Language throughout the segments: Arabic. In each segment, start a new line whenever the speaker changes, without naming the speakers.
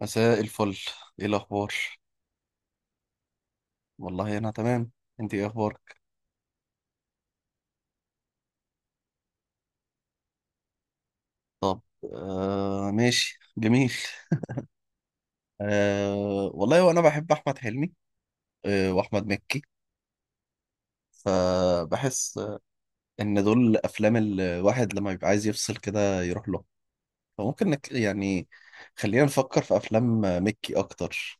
مساء الفل. ايه الاخبار؟ والله انا تمام. انت ايه اخبارك؟ طب آه، ماشي جميل. آه والله وانا بحب احمد حلمي، آه واحمد مكي. فبحس ان دول افلام الواحد لما بيبقى عايز يفصل كده يروح له. فممكن نك يعني خلينا نفكر في افلام مكي اكتر.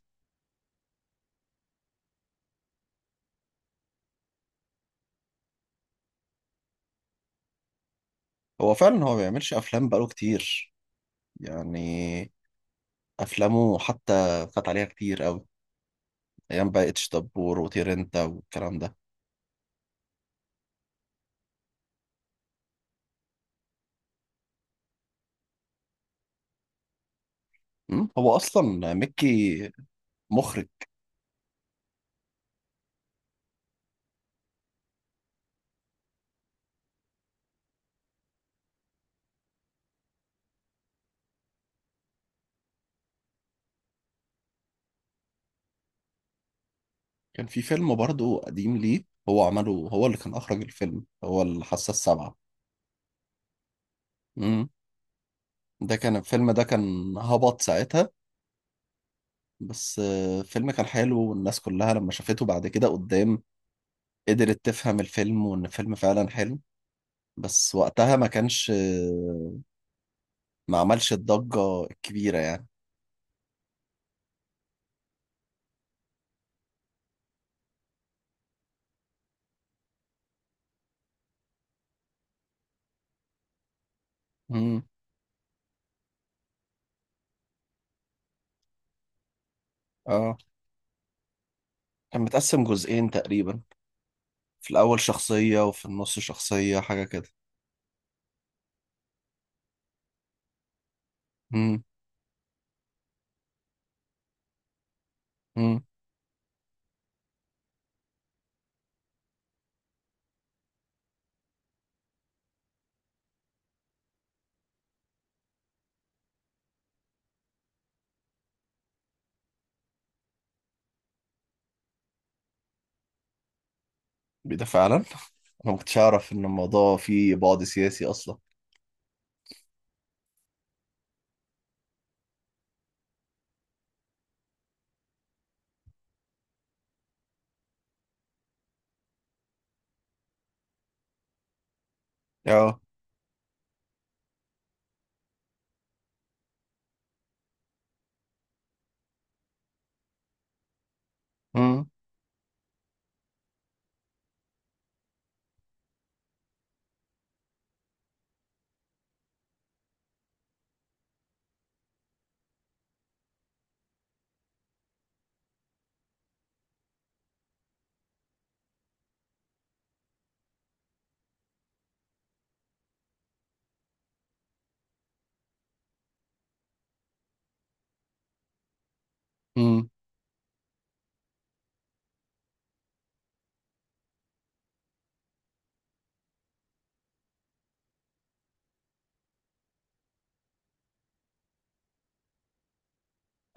هو فعلا ما بيعملش افلام بقاله كتير. يعني افلامه حتى فات عليها كتير قوي، ايام بقى اتش دبور وطير انت والكلام ده. مم. هو اصلا مكي مخرج. كان في فيلم برضه قديم ليه هو عمله، هو اللي كان اخرج الفيلم، هو الحاسه السابعه. مم. ده كان الفيلم، ده كان هبط ساعتها. بس الفيلم كان حلو، والناس كلها لما شافته بعد كده قدام قدرت تفهم الفيلم وان الفيلم فعلا حلو. بس وقتها ما كانش ما عملش الضجة الكبيرة يعني. مم. اه كان متقسم جزئين تقريبا، في الاول شخصية وفي النص شخصية، حاجة كده. مم. مم. ده فعلا انا ما كنتش اعرف ان الموضوع فيه بعد سياسي اصلا. اه. امم. امم.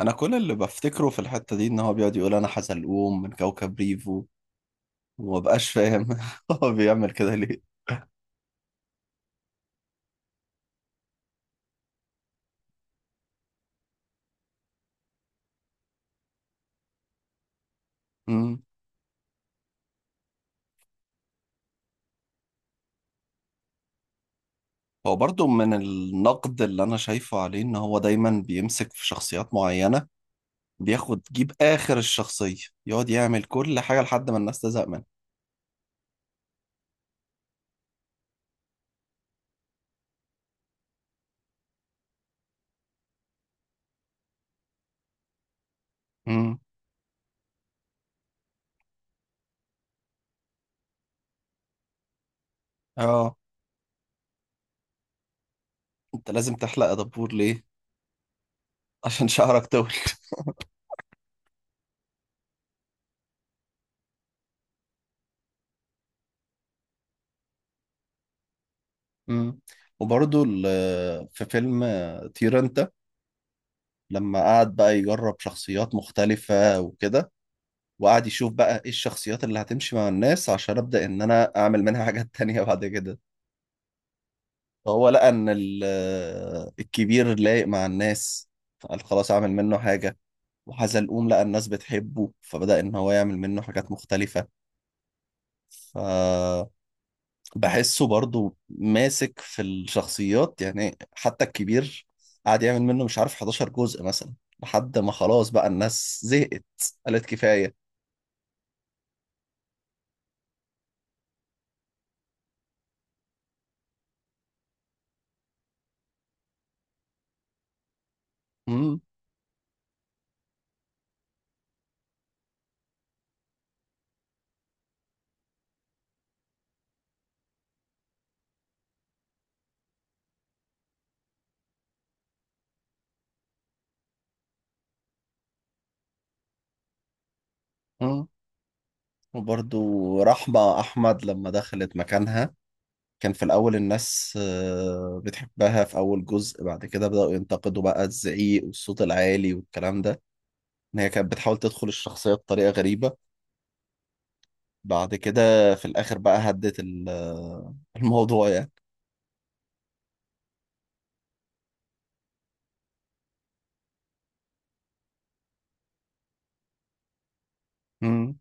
انا كل اللي بفتكره في الحتة دي ان هو بيقعد يقول انا حزلقوم من كوكب ريفو، وما بقاش فاهم هو بيعمل كده ليه. امم. هو برضو من النقد اللي انا شايفه عليه ان هو دايما بيمسك في شخصيات معينة، بياخد جيب اخر الشخصية، يقعد يعمل كل حاجة لحد ما الناس تزهق منه. امم. اه انت لازم تحلق يا دبور ليه؟ عشان شعرك طول. مم. وبرضه في فيلم طير انت لما قعد بقى يجرب شخصيات مختلفة وكده، وقعد يشوف بقى ايه الشخصيات اللي هتمشي مع الناس عشان ابدأ ان انا اعمل منها حاجات تانية بعد كده. فهو لقى ان الكبير لايق مع الناس، فقال خلاص اعمل منه حاجة. وحزلقوم لقى الناس بتحبه فبدأ ان هو يعمل منه حاجات مختلفة. ف بحسه برضو ماسك في الشخصيات، يعني حتى الكبير قعد يعمل منه مش عارف 11 جزء مثلا، لحد ما خلاص بقى الناس زهقت قالت كفاية. مم. مم. وبرضو رحمة أحمد لما دخلت مكانها كان في الأول الناس بتحبها في أول جزء، بعد كده بدأوا ينتقدوا بقى الزعيق والصوت العالي والكلام ده. إن هي كانت بتحاول تدخل الشخصية بطريقة غريبة. بعد كده في الآخر بقى هدت الموضوع يعني. مم.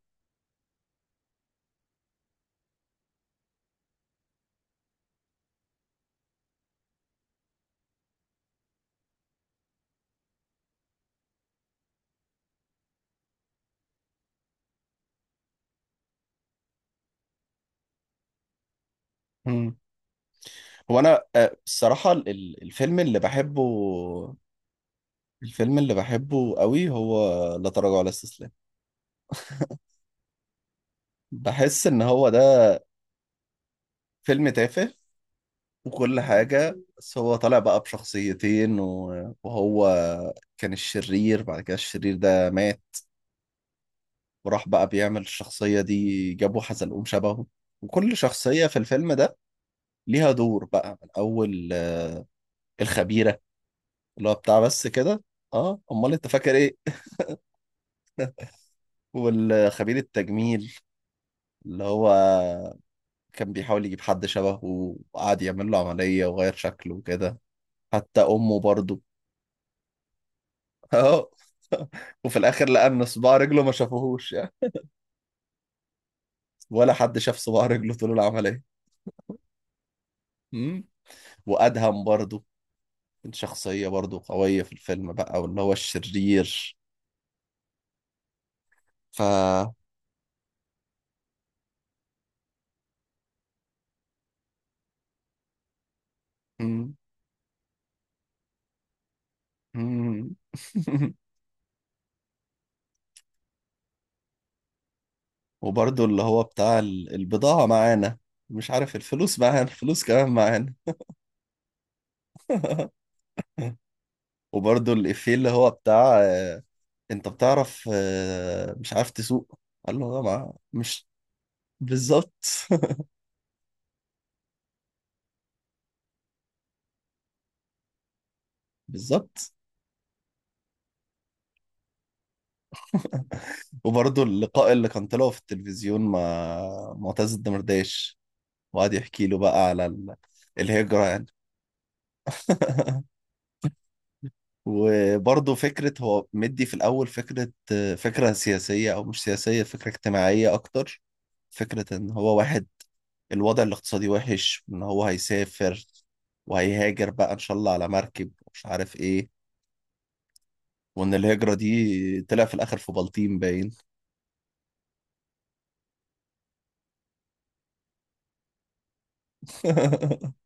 مم. هو انا الصراحه الفيلم اللي بحبه، الفيلم اللي بحبه قوي هو لا تراجع ولا استسلام. بحس ان هو ده فيلم تافه وكل حاجه، بس هو طالع بقى بشخصيتين وهو كان الشرير، بعد كده الشرير ده مات وراح بقى بيعمل الشخصيه دي، جابوا حزلقوم شبهه. وكل شخصيه في الفيلم ده ليها دور، بقى من اول الخبيره اللي هو بتاع بس كده. اه امال انت فاكر ايه. والخبير التجميل اللي هو كان بيحاول يجيب حد شبهه، وقعد يعمل له عملية وغير شكله وكده. حتى أمه برضه أهو. وفي الآخر لقى إن صباع رجله ما شافوهوش يعني، ولا حد شاف صباع رجله طول العملية. أمم. وأدهم برضه كان شخصية برضه قوية في الفيلم بقى، واللي هو الشرير. ف أمم. أمم. وبرضه اللي هو بتاع البضاعة معانا، مش عارف الفلوس معانا، الفلوس كمان معانا. وبرضه الإفيه اللي هو بتاع انت بتعرف مش عارف تسوق، قال له طبعا مش بالظبط. بالظبط. وبرضه اللقاء اللي كان طلعه في التلفزيون مع معتز الدمرداش، وقعد يحكي له بقى على الهجرة يعني. وبرضه فكرة هو مدي في الأول فكرة، فكرة سياسية أو مش سياسية، فكرة اجتماعية أكتر. فكرة إن هو واحد الوضع الاقتصادي وحش، إن هو هيسافر وهيهاجر بقى إن شاء الله على مركب مش عارف إيه. وان الهجرة دي طلع في الاخر في بلطيم باين.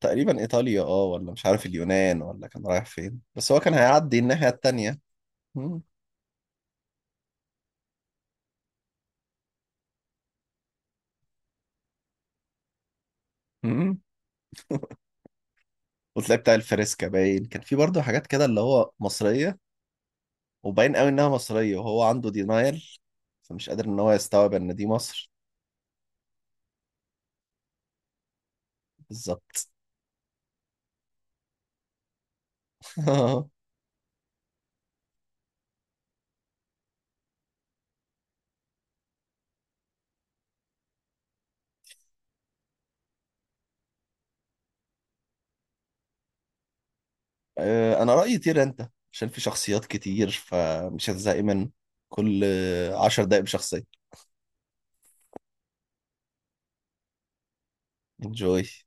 تقريبا ايطاليا اه، ولا مش عارف اليونان، ولا كان رايح فين، بس هو كان هيعدي الناحية التانية. مم. مم. وتلاقي بتاع الفريسكا باين، كان في برضه حاجات كده اللي هو مصرية، وباين قوي انها مصرية وهو عنده دينايل فمش قادر ان هو يستوعب ان دي مصر. بالظبط. آه، انا رأيي طير انت عشان في شخصيات كتير فمش هتزهقي من كل 10 دقايق بشخصية. انجوي